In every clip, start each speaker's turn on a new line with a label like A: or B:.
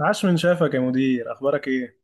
A: عاش، من شافك يا مدير؟ اخبارك ايه؟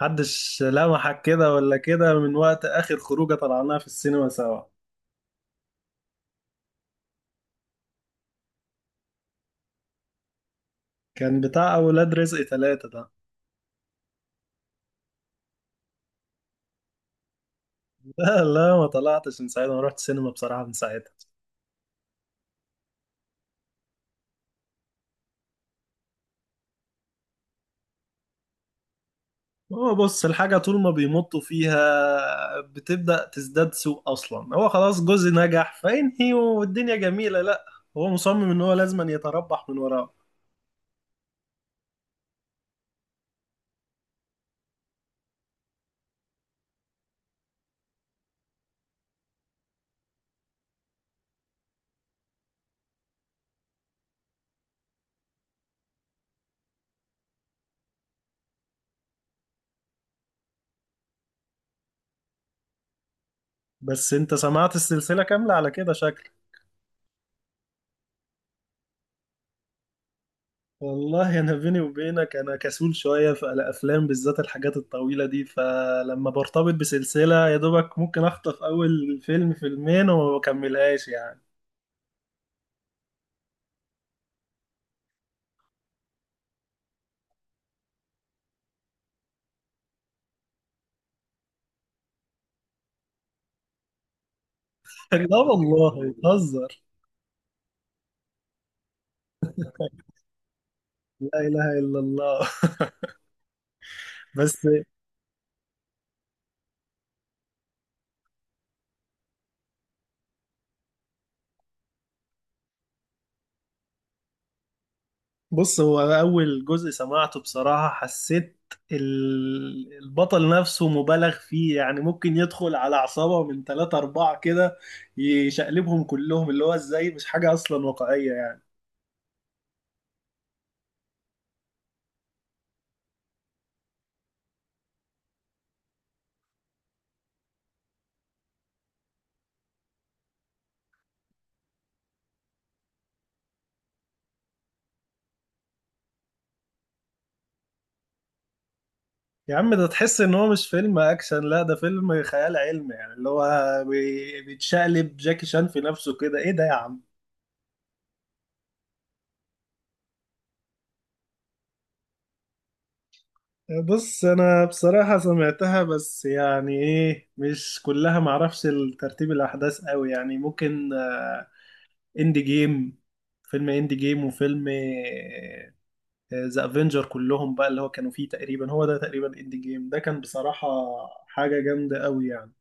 A: محدش لمحك كده ولا كده. من وقت اخر خروجه طلعناها في السينما سوا. كان بتاع اولاد رزق ثلاثة ده. لا، ما طلعتش من ساعتها، ما رحت السينما بصراحه من ساعتها. هو بص، الحاجه طول ما بيمطوا فيها بتبدا تزداد سوء. اصلا هو خلاص جزء نجح، فينهي والدنيا جميله. لا، هو مصمم ان هو لازم يتربح من وراه. بس انت سمعت السلسله كامله على كده شكل؟ والله انا بيني وبينك انا كسول شويه في الافلام، بالذات الحاجات الطويله دي. فلما برتبط بسلسله يا دوبك ممكن اخطف اول فيلم فيلمين وما بكملهاش يعني. لا والله، بتهزر؟ لا اله الا الله. بس. بص، هو اول جزء سمعته بصراحه حسيت البطل نفسه مبالغ فيه. يعني ممكن يدخل على عصابه من ثلاثة أربعة كده يشقلبهم كلهم. اللي هو ازاي؟ مش حاجة أصلا واقعية يعني. يا عم، ده تحس ان هو مش فيلم اكشن، لا ده فيلم خيال علمي. يعني اللي هو بيتشقلب جاكي شان في نفسه كده. ايه ده يا عم؟ بص، انا بصراحة سمعتها بس يعني ايه، مش كلها معرفش ترتيب الاحداث قوي. يعني ممكن، آه، اندي جيم، فيلم اندي جيم وفيلم ذا افنجر كلهم بقى، اللي هو كانوا فيه تقريبا. هو ده تقريبا اندي جيم ده كان بصراحة حاجة جامدة قوي يعني.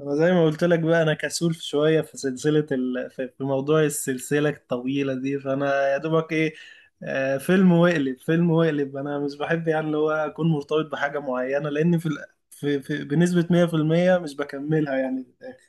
A: انا زي ما قلت لك بقى، انا كسول شويه في سلسله في موضوع السلسله الطويله دي. فانا يا دوبك ايه، آه، فيلم وقلب، فيلم وقلب. انا مش بحب يعني اللي هو اكون مرتبط بحاجه معينه، لان في بنسبه 100% مش بكملها يعني في الآخر.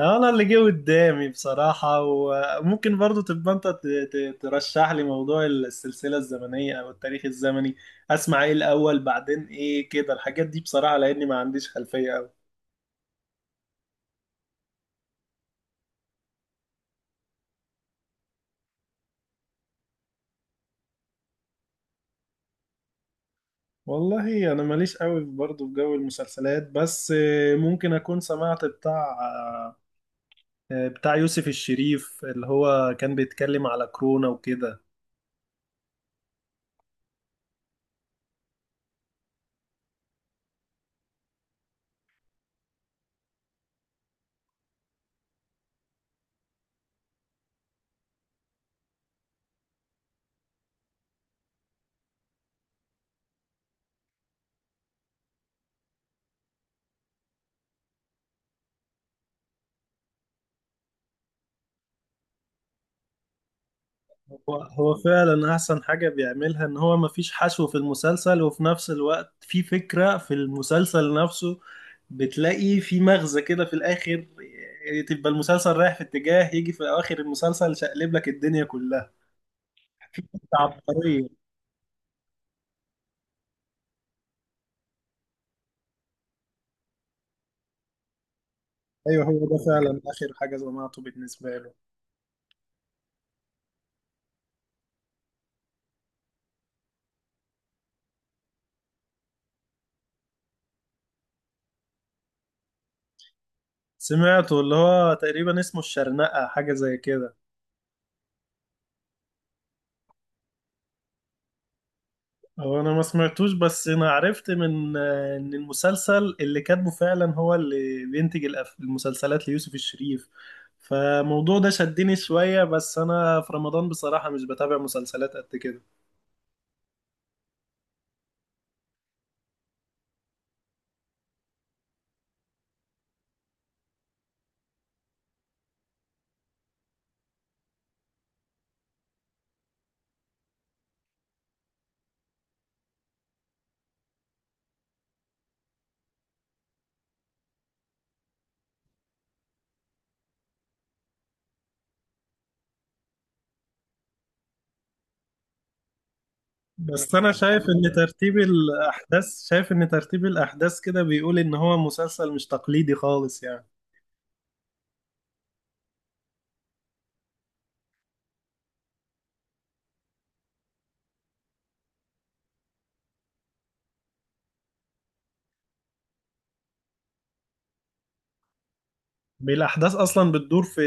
A: انا اللي جه قدامي بصراحه. وممكن برضو تبقى انت ترشح لي موضوع السلسله الزمنيه او التاريخ الزمني، اسمع ايه الاول بعدين ايه كده الحاجات دي بصراحه، لاني ما عنديش خلفيه قوي. والله انا ماليش قوي برضه في جو المسلسلات. بس آه، ممكن اكون سمعت بتاع، آه، بتاع يوسف الشريف، اللي هو كان بيتكلم على كورونا وكده. هو هو فعلا احسن حاجة بيعملها ان هو مفيش حشو في المسلسل، وفي نفس الوقت في فكرة في المسلسل نفسه. بتلاقي في مغزى كده في الاخر. آه، تبقى المسلسل رايح في اتجاه، يجي في اواخر المسلسل شقلب لك الدنيا كلها. في عبقرية. ايوه، هو ده فعلا اخر حاجة سمعته بالنسبة له. سمعته اللي هو تقريبا اسمه الشرنقة، حاجة زي كده. هو انا ما سمعتوش، بس انا عرفت من، آه، ان المسلسل اللي كاتبه فعلا هو اللي بينتج المسلسلات ليوسف الشريف. فالموضوع ده شدني شوية، بس انا في رمضان بصراحة مش بتابع مسلسلات قد كده. بس انا شايف ان ترتيب الاحداث، شايف ان ترتيب الاحداث كده بيقول ان هو مسلسل مش تقليدي خالص يعني. بالأحداث أصلا بتدور في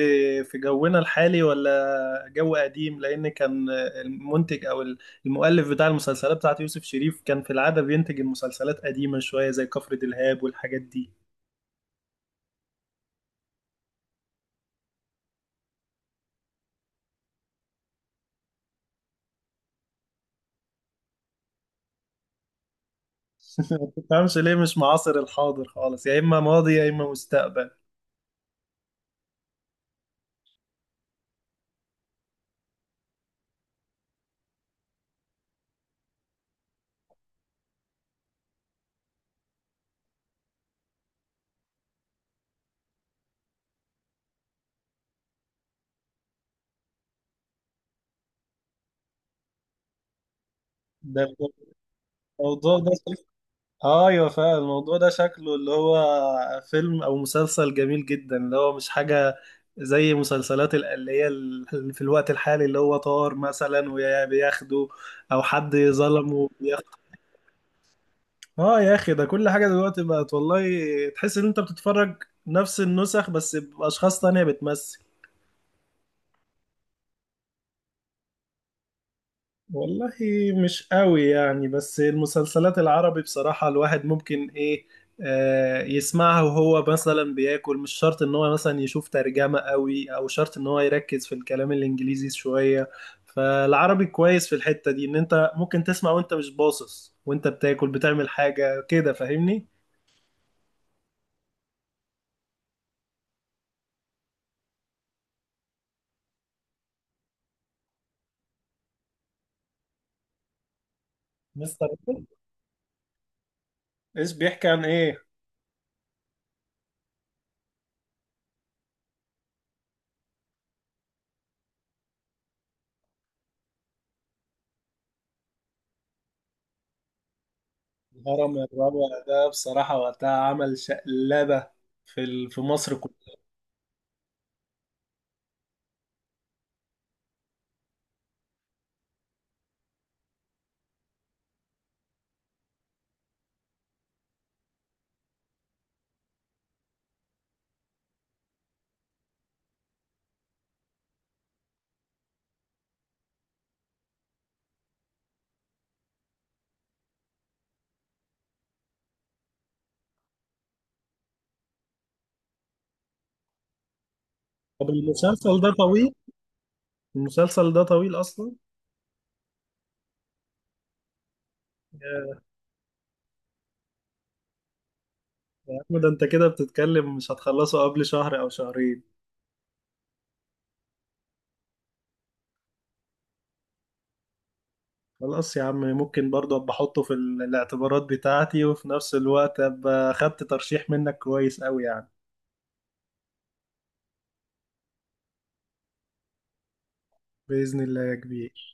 A: في جونا الحالي، ولا جو قديم؟ لأن كان المنتج أو المؤلف بتاع المسلسلات بتاعت يوسف شريف كان في العادة بينتج المسلسلات قديمة شوية، زي كفر دلهاب والحاجات دي. ما تفهمش ليه مش معاصر الحاضر خالص، يا إما ماضي يا إما مستقبل. ده الموضوع ده، ايوه فعلا الموضوع ده شكله اللي هو فيلم او مسلسل جميل جدا، اللي هو مش حاجه زي مسلسلات اللي هي في الوقت الحالي، اللي هو طار مثلا وبياخده، او حد ظلمه بياخده. اه يا اخي، ده كل حاجه دلوقتي بقت والله تحس ان انت بتتفرج نفس النسخ بس باشخاص تانية بتمثل. والله مش قوي يعني، بس المسلسلات العربي بصراحة الواحد ممكن ايه، آه، يسمعها وهو مثلا بياكل. مش شرط ان هو مثلا يشوف ترجمة قوي، او شرط ان هو يركز في الكلام الانجليزي شوية. فالعربي كويس في الحتة دي، ان انت ممكن تسمع وانت مش باصص، وانت بتاكل بتعمل حاجة كده، فاهمني؟ مستر بين؟ ايش بيحكي عن ايه؟ الهرم الرابع، ده بصراحة وقتها عمل شقلبة في في مصر كلها. طب المسلسل ده طويل؟ المسلسل ده طويل اصلا؟ يا يا عم، ده انت كده بتتكلم مش هتخلصه قبل شهر او شهرين. خلاص يا عم، ممكن برضه ابقى احطه في الاعتبارات بتاعتي، وفي نفس الوقت ابقى خدت ترشيح منك كويس قوي يعني. بإذن الله يا كبير.